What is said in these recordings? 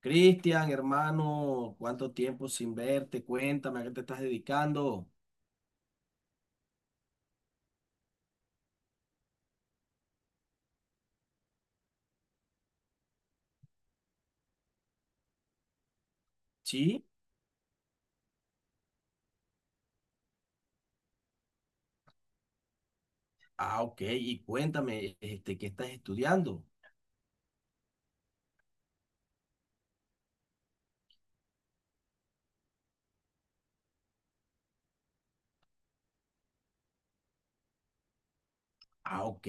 Cristian, hermano, ¿cuánto tiempo sin verte? Cuéntame, ¿a qué te estás dedicando? ¿Sí? Ah, ok. Y cuéntame, ¿qué estás estudiando? Ah, ok.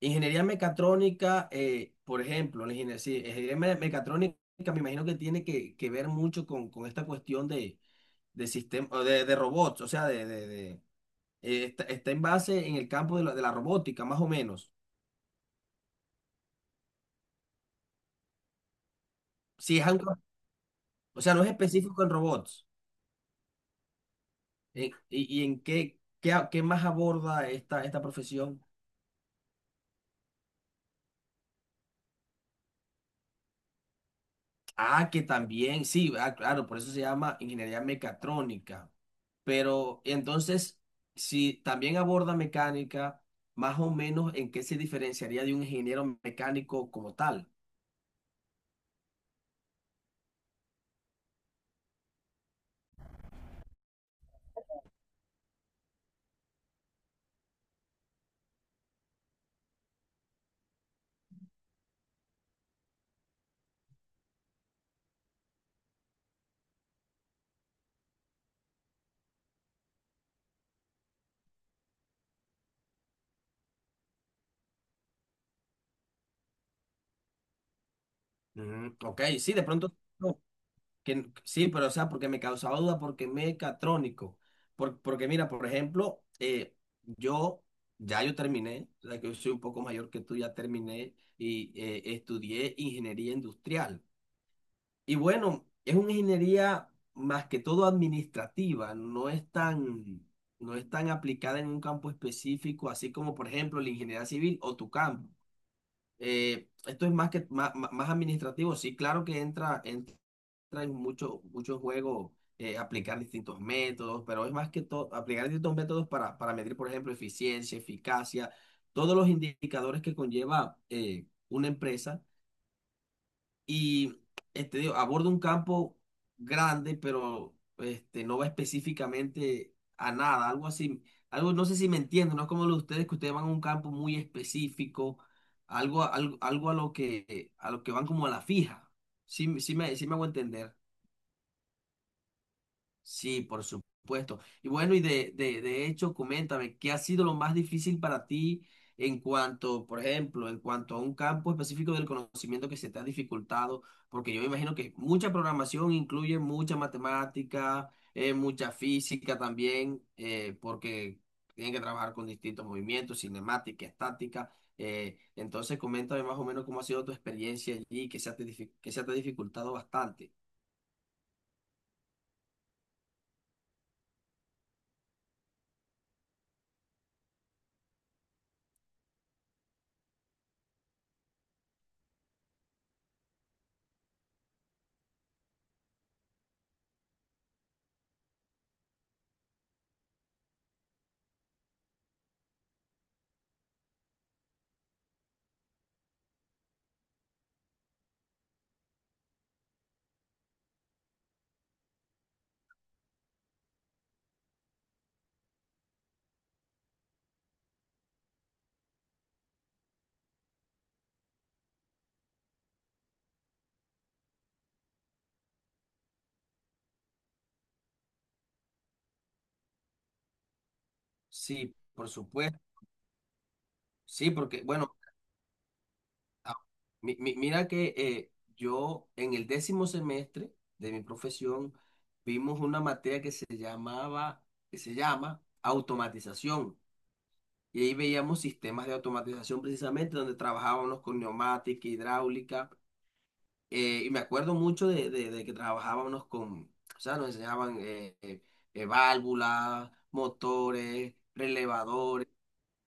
Ingeniería mecatrónica, por ejemplo, la ingeniería, sí, ingeniería mecatrónica me imagino que tiene que ver mucho con esta cuestión de sistema, de robots, o sea, está en base en el campo de la robótica, más o menos. Sí, es algo, o sea, no es específico en robots. ¿Y en qué más aborda esta profesión? Ah, que también, sí, ah, claro, por eso se llama ingeniería mecatrónica. Pero entonces, si también aborda mecánica, más o menos en qué se diferenciaría de un ingeniero mecánico como tal. Ujú, ok, sí, de pronto. No, que, sí, pero o sea, porque me causaba duda, porque mecatrónico. Porque mira, por ejemplo, yo ya yo terminé, o sea, que yo soy un poco mayor que tú, ya terminé y estudié ingeniería industrial. Y bueno, es una ingeniería más que todo administrativa, no es tan aplicada en un campo específico, así como por ejemplo la ingeniería civil o tu campo. Esto es más administrativo, sí, claro que entra en mucho, mucho juego, aplicar distintos métodos, pero es más que todo aplicar distintos métodos para medir, por ejemplo, eficiencia, eficacia, todos los indicadores que conlleva, una empresa y, digo, aborda un campo grande, pero, no va específicamente a nada, algo así. Algo, no sé si me entienden, no es como lo de ustedes, que ustedes van a un campo muy específico, algo a lo que van como a la fija. Sí, sí me hago entender. Sí, por supuesto. Y bueno, y de hecho, coméntame, ¿qué ha sido lo más difícil para ti en cuanto, por ejemplo, en cuanto a un campo específico del conocimiento que se te ha dificultado? Porque yo me imagino que mucha programación incluye mucha matemática, mucha física también, porque tienen que trabajar con distintos movimientos, cinemática, estática. Entonces, coméntame más o menos cómo ha sido tu experiencia allí, que se te ha dificultado bastante. Sí, por supuesto. Sí, porque, bueno, ah, mira que yo en el 10.º semestre de mi profesión vimos una materia que se llama automatización. Y ahí veíamos sistemas de automatización precisamente donde trabajábamos con neumática, hidráulica. Y me acuerdo mucho de que trabajábamos con, o sea, nos enseñaban, válvulas, motores, relevadores,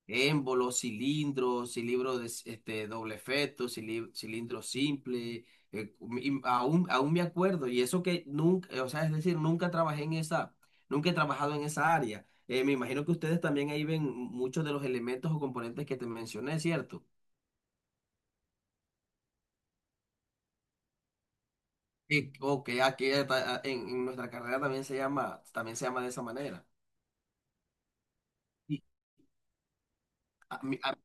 émbolos, cilindros, este, doble feto, cilindro simple. eh, y aún me acuerdo, y eso que nunca, o sea, es decir, nunca he trabajado en esa área. Me imagino que ustedes también ahí ven muchos de los elementos o componentes que te mencioné, ¿cierto? Y, o que aquí en nuestra carrera también se llama de esa manera. Y a mí- a-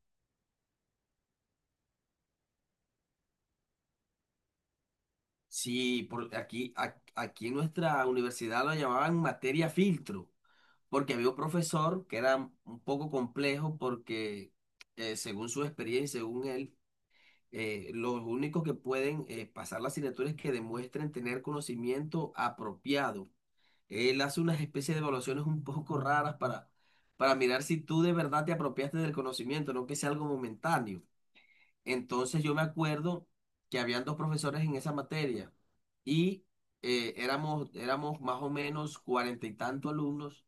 sí, por aquí, aquí en nuestra universidad lo llamaban materia filtro. Porque había un profesor que era un poco complejo porque, según su experiencia, según él, los únicos que pueden, pasar la asignatura es que demuestren tener conocimiento apropiado. Él hace unas especies de evaluaciones un poco raras para mirar si tú de verdad te apropiaste del conocimiento, no que sea algo momentáneo. Entonces yo me acuerdo que habían dos profesores en esa materia y, éramos más o menos cuarenta y tantos alumnos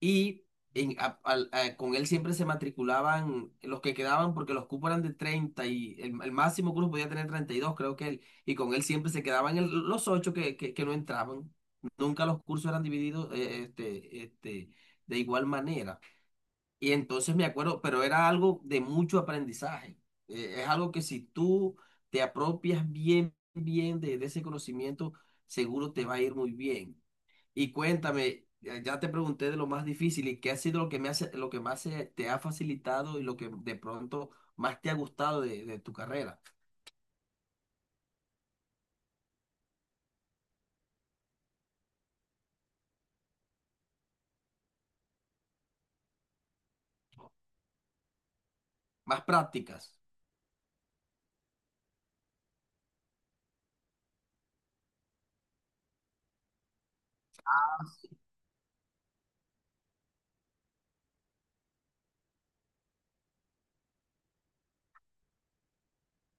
y con él siempre se matriculaban los que quedaban porque los cupos eran de 30 y el máximo que uno podía tener 32 creo que él. Y con él siempre se quedaban los ocho que no entraban. Nunca los cursos eran divididos, de igual manera. Y entonces me acuerdo, pero era algo de mucho aprendizaje. Es algo que si tú te apropias bien de ese conocimiento, seguro te va a ir muy bien. Y cuéntame, ya te pregunté de lo más difícil y qué ha sido lo que más, te ha facilitado y lo que de pronto más te ha gustado de tu carrera. Más prácticas.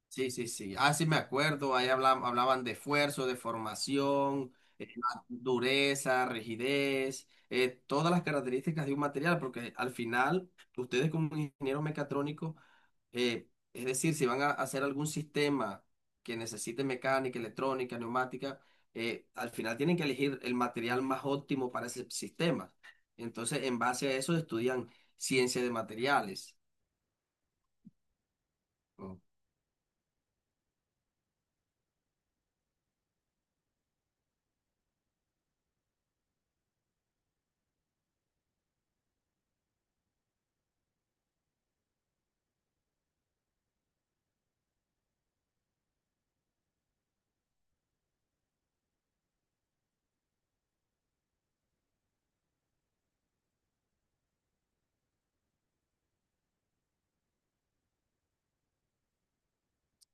Sí, sí, sí. Ah, sí, me acuerdo. Ahí hablaban de esfuerzo, de formación, eh, dureza, rigidez, todas las características de un material, porque al final ustedes como ingenieros mecatrónicos, es decir, si van a hacer algún sistema que necesite mecánica, electrónica, neumática, al final tienen que elegir el material más óptimo para ese sistema. Entonces, en base a eso estudian ciencia de materiales. Oh,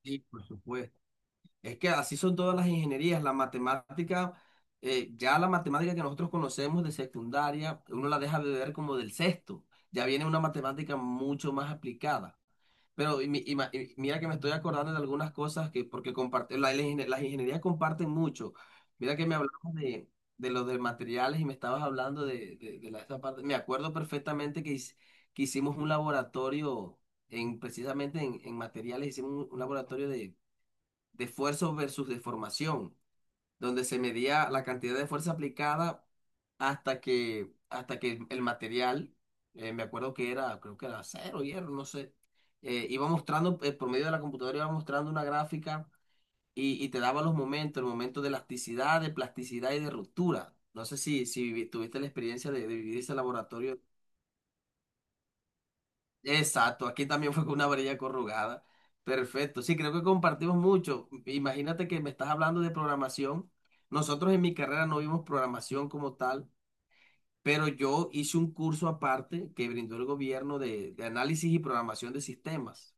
sí, por supuesto. Es que así son todas las ingenierías. Ya la matemática que nosotros conocemos de secundaria, uno la deja de ver como del sexto. Ya viene una matemática mucho más aplicada. Pero y mira que me estoy acordando de algunas cosas que, porque las ingenierías comparten mucho. Mira que me hablabas de los de materiales y me estabas hablando esta parte. Me acuerdo perfectamente que hicimos un laboratorio precisamente en materiales, hicimos un laboratorio de esfuerzo versus deformación donde se medía la cantidad de fuerza aplicada hasta que el material, me acuerdo creo que era acero, hierro, no sé, por medio de la computadora iba mostrando una gráfica y te daba los momentos, el momento de elasticidad, de plasticidad y de ruptura. No sé si, si vi- tuviste la experiencia de vivir ese laboratorio. Exacto, aquí también fue con una varilla corrugada. Perfecto, sí, creo que compartimos mucho. Imagínate que me estás hablando de programación. Nosotros en mi carrera no vimos programación como tal, pero yo hice un curso aparte que brindó el gobierno de análisis y programación de sistemas.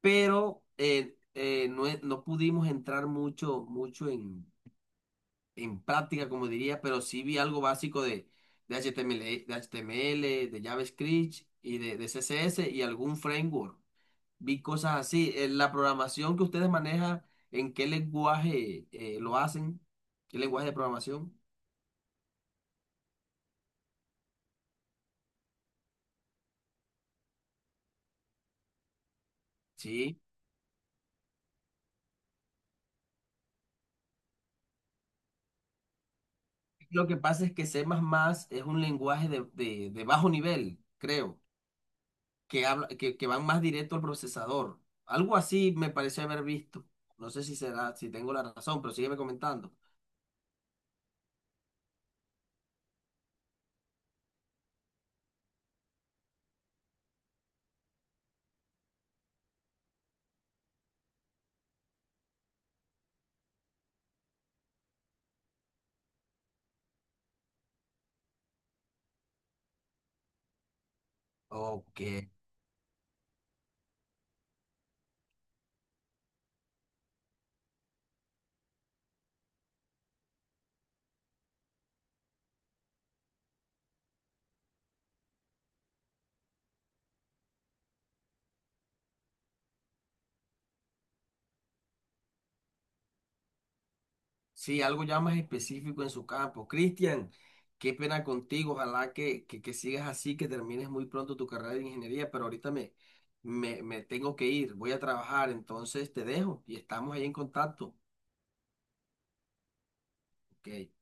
Pero, no pudimos entrar mucho, mucho en práctica, como diría, pero sí vi algo básico de HTML, de HTML, de JavaScript y de CSS y algún framework vi cosas así. La programación que ustedes manejan, ¿en qué lenguaje lo hacen? ¿Qué lenguaje de programación? Sí. Lo que pasa es que C++ es un lenguaje de bajo nivel, creo, que van más directo al procesador. Algo así me pareció haber visto. No sé si será, si tengo la razón, pero sígueme comentando. Ok. Sí, algo ya más específico en su campo. Cristian, qué pena contigo. Ojalá que sigas así, que termines muy pronto tu carrera de ingeniería, pero ahorita me tengo que ir, voy a trabajar, entonces te dejo y estamos ahí en contacto. Ok.